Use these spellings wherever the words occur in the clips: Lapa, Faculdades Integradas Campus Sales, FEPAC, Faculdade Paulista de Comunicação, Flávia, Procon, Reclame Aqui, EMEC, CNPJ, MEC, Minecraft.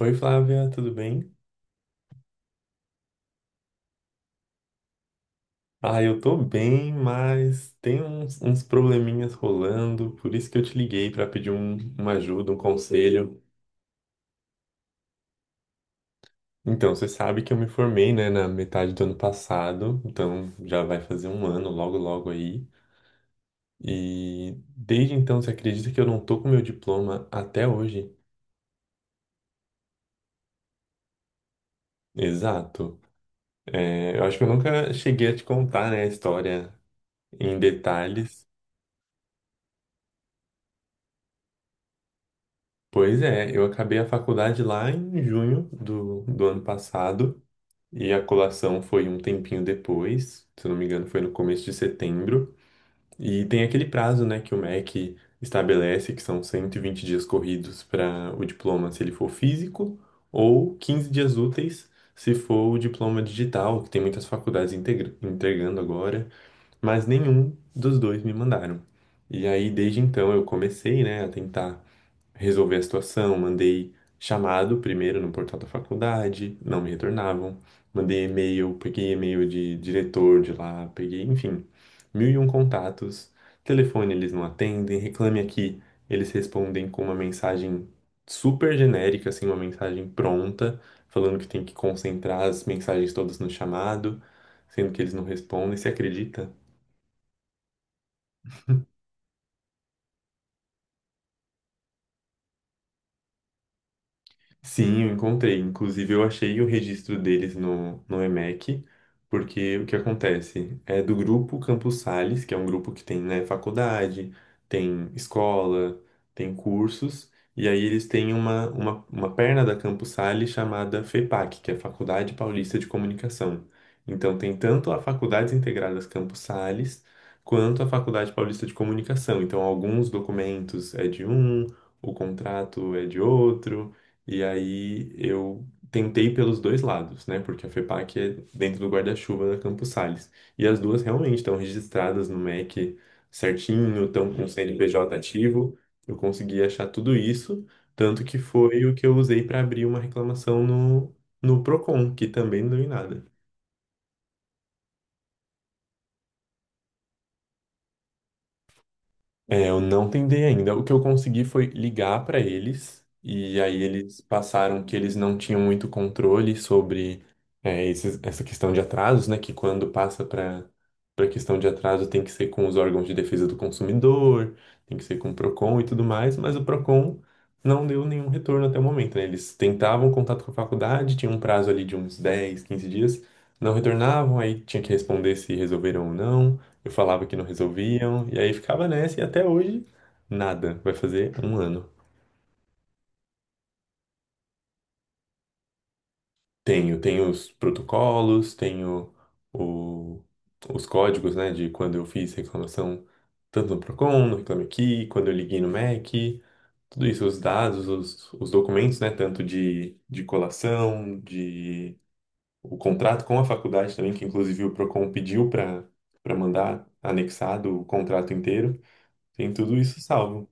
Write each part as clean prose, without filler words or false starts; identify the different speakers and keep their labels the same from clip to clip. Speaker 1: Oi, Flávia, tudo bem? Ah, eu tô bem, mas tem uns probleminhas rolando, por isso que eu te liguei para pedir uma ajuda, um conselho. Então, você sabe que eu me formei, né, na metade do ano passado, então já vai fazer um ano logo, logo aí. E desde então, você acredita que eu não tô com meu diploma até hoje? Exato. É, eu acho que eu nunca cheguei a te contar, né, a história em detalhes. Pois é, eu acabei a faculdade lá em junho do ano passado e a colação foi um tempinho depois, se eu não me engano, foi no começo de setembro. E tem aquele prazo, né, que o MEC estabelece, que são 120 dias corridos para o diploma se ele for físico, ou 15 dias úteis se for o diploma digital, que tem muitas faculdades entregando agora, mas nenhum dos dois me mandaram. E aí, desde então, eu comecei, né, a tentar resolver a situação, mandei chamado primeiro no portal da faculdade, não me retornavam, mandei e-mail, peguei e-mail de diretor de lá, peguei, enfim, mil e um contatos, telefone eles não atendem, reclame aqui, eles respondem com uma mensagem super genérica, assim, uma mensagem pronta, falando que tem que concentrar as mensagens todas no chamado, sendo que eles não respondem, você acredita? Sim, eu encontrei. Inclusive, eu achei o registro deles no EMEC, porque o que acontece? É do grupo Campus Sales, que é um grupo que tem, né, faculdade, tem escola, tem cursos, e aí eles têm uma perna da Campus Sales chamada FEPAC, que é Faculdade Paulista de Comunicação. Então, tem tanto a Faculdades Integradas Campus Sales, quanto a Faculdade Paulista de Comunicação. Então, alguns documentos é de um, o contrato é de outro. E aí eu tentei pelos dois lados, né? Porque a FEPAC é dentro do guarda-chuva da Campos Sales. E as duas realmente estão registradas no MEC certinho, estão com o CNPJ ativo. Eu consegui achar tudo isso, tanto que foi o que eu usei para abrir uma reclamação no Procon, que também não deu em nada. É, eu não tentei ainda. O que eu consegui foi ligar para eles, e aí eles passaram que eles não tinham muito controle sobre é, essa questão de atrasos, né? Que quando passa para questão de atraso tem que ser com os órgãos de defesa do consumidor, tem que ser com o Procon e tudo mais, mas o Procon não deu nenhum retorno até o momento, né? Eles tentavam contato com a faculdade, tinha um prazo ali de uns 10 15 dias, não retornavam, aí tinha que responder se resolveram ou não. Eu falava que não resolviam, e aí ficava nessa, e até hoje, nada. Vai fazer um ano. Tenho, tenho os protocolos, tenho o- os códigos, né, de quando eu fiz reclamação, tanto no Procon, no Reclame Aqui, quando eu liguei no MEC, tudo isso, os dados, os documentos, né, tanto de colação, de o contrato com a faculdade também, que inclusive o Procon pediu para mandar anexado o contrato inteiro. Tem tudo isso salvo.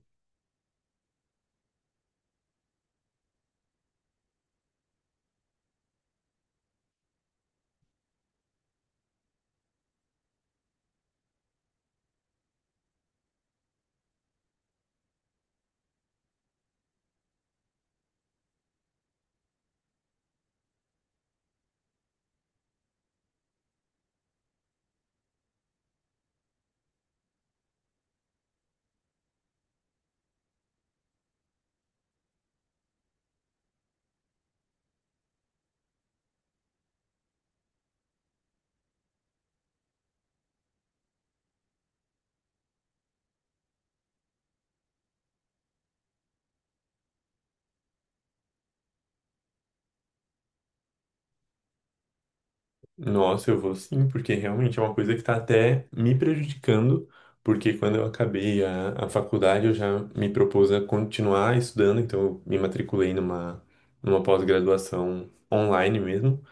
Speaker 1: Nossa, eu vou sim, porque realmente é uma coisa que está até me prejudicando, porque quando eu acabei a faculdade eu já me propus a continuar estudando, então eu me matriculei numa pós-graduação online mesmo,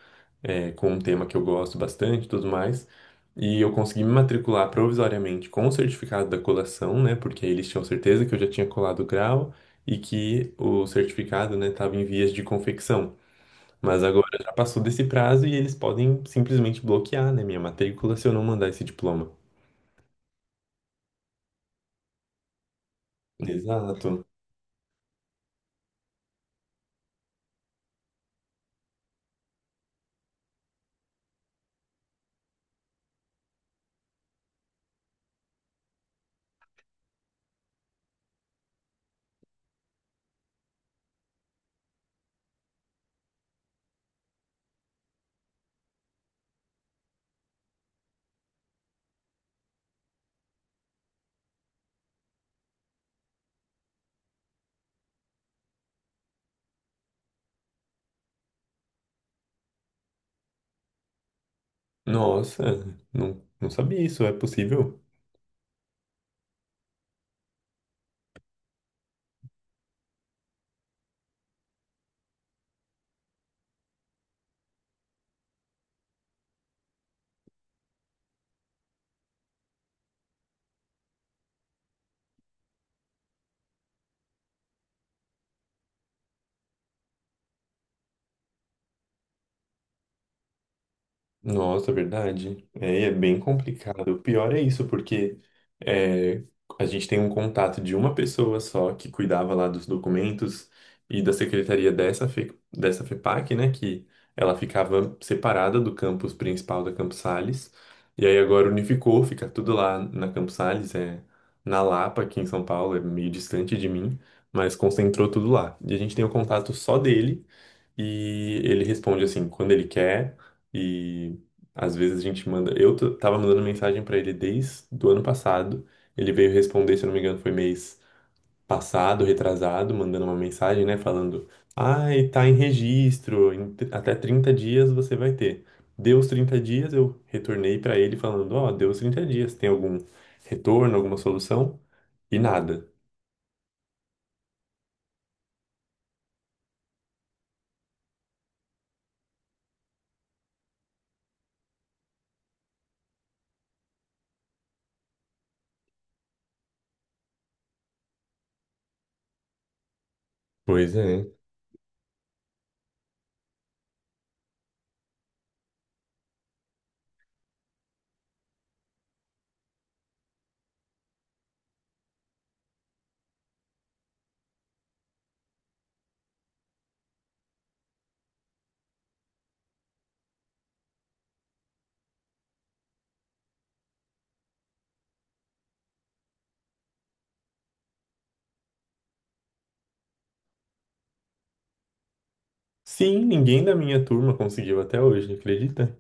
Speaker 1: é, com um tema que eu gosto bastante e tudo mais, e eu consegui me matricular provisoriamente com o certificado da colação, né, porque eles tinham certeza que eu já tinha colado o grau e que o certificado, né, estava em vias de confecção. Mas agora já passou desse prazo e eles podem simplesmente bloquear, né, minha matrícula se eu não mandar esse diploma. Exato. Nossa, não, não sabia isso. É possível? Nossa, verdade. É, e é bem complicado. O pior é isso, porque é, a gente tem um contato de uma pessoa só que cuidava lá dos documentos e da secretaria dessa, dessa FEPAC, né? Que ela ficava separada do campus principal da Campos Sales. E aí agora unificou, fica tudo lá na Campos Sales, é na Lapa, aqui em São Paulo, é meio distante de mim, mas concentrou tudo lá. E a gente tem o contato só dele e ele responde assim, quando ele quer. E às vezes a gente manda. Eu tava mandando mensagem pra ele desde do ano passado. Ele veio responder, se eu não me engano, foi mês passado, retrasado, mandando uma mensagem, né? Falando: Ai, tá em registro, em até 30 dias você vai ter. Deu os 30 dias, eu retornei pra ele falando: Ó, deu os 30 dias, tem algum retorno, alguma solução? E nada. Pois é. Sim, ninguém da minha turma conseguiu até hoje, acredita?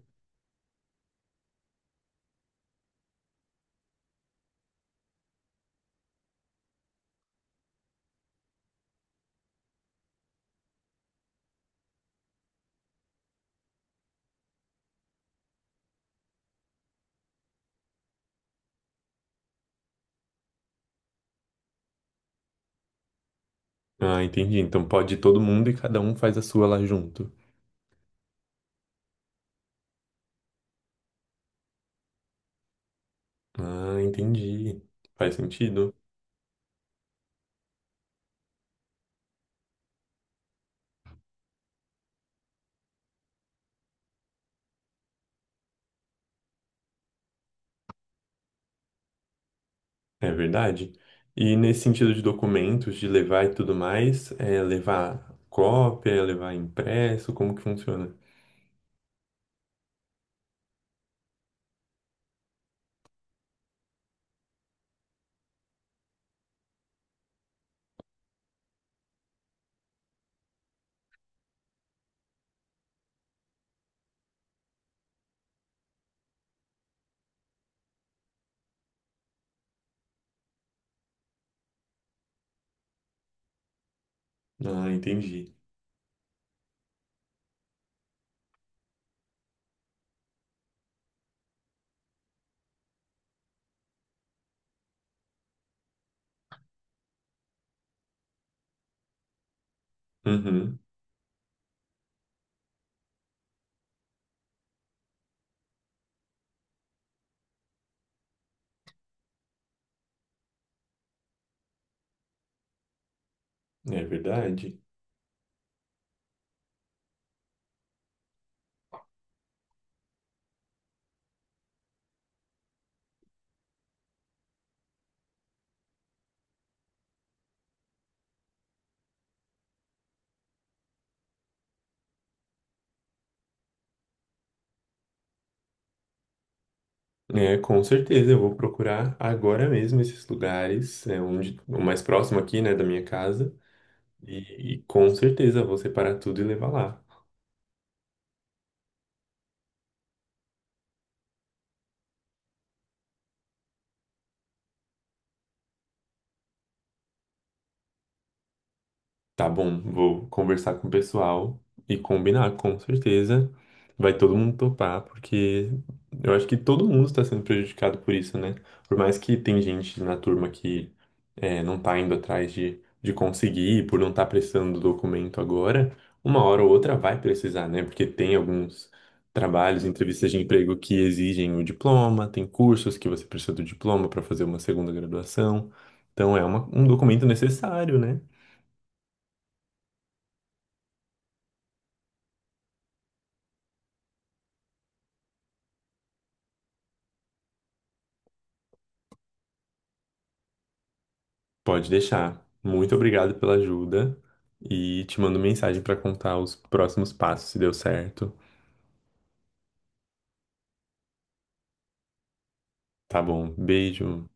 Speaker 1: Ah, entendi. Então pode ir todo mundo e cada um faz a sua lá junto. Ah, entendi. Faz sentido. É verdade. E nesse sentido de documentos, de levar e tudo mais, é levar cópia, é levar impresso, como que funciona? Ah, entendi. Uhum, é verdade. É, com certeza, eu vou procurar agora mesmo esses lugares, é, onde, o mais próximo aqui, né, da minha casa, e com certeza vou separar tudo e levar lá. Tá bom, vou conversar com o pessoal e combinar, com certeza. Vai todo mundo topar, porque eu acho que todo mundo está sendo prejudicado por isso, né? Por mais que tem gente na turma que é, não tá indo atrás de conseguir, por não estar precisando do documento agora, uma hora ou outra vai precisar, né? Porque tem alguns trabalhos, entrevistas de emprego que exigem o diploma, tem cursos que você precisa do diploma para fazer uma segunda graduação. Então é um documento necessário, né? Pode deixar. Muito obrigado pela ajuda e te mando mensagem para contar os próximos passos, se deu certo. Tá bom. Beijo.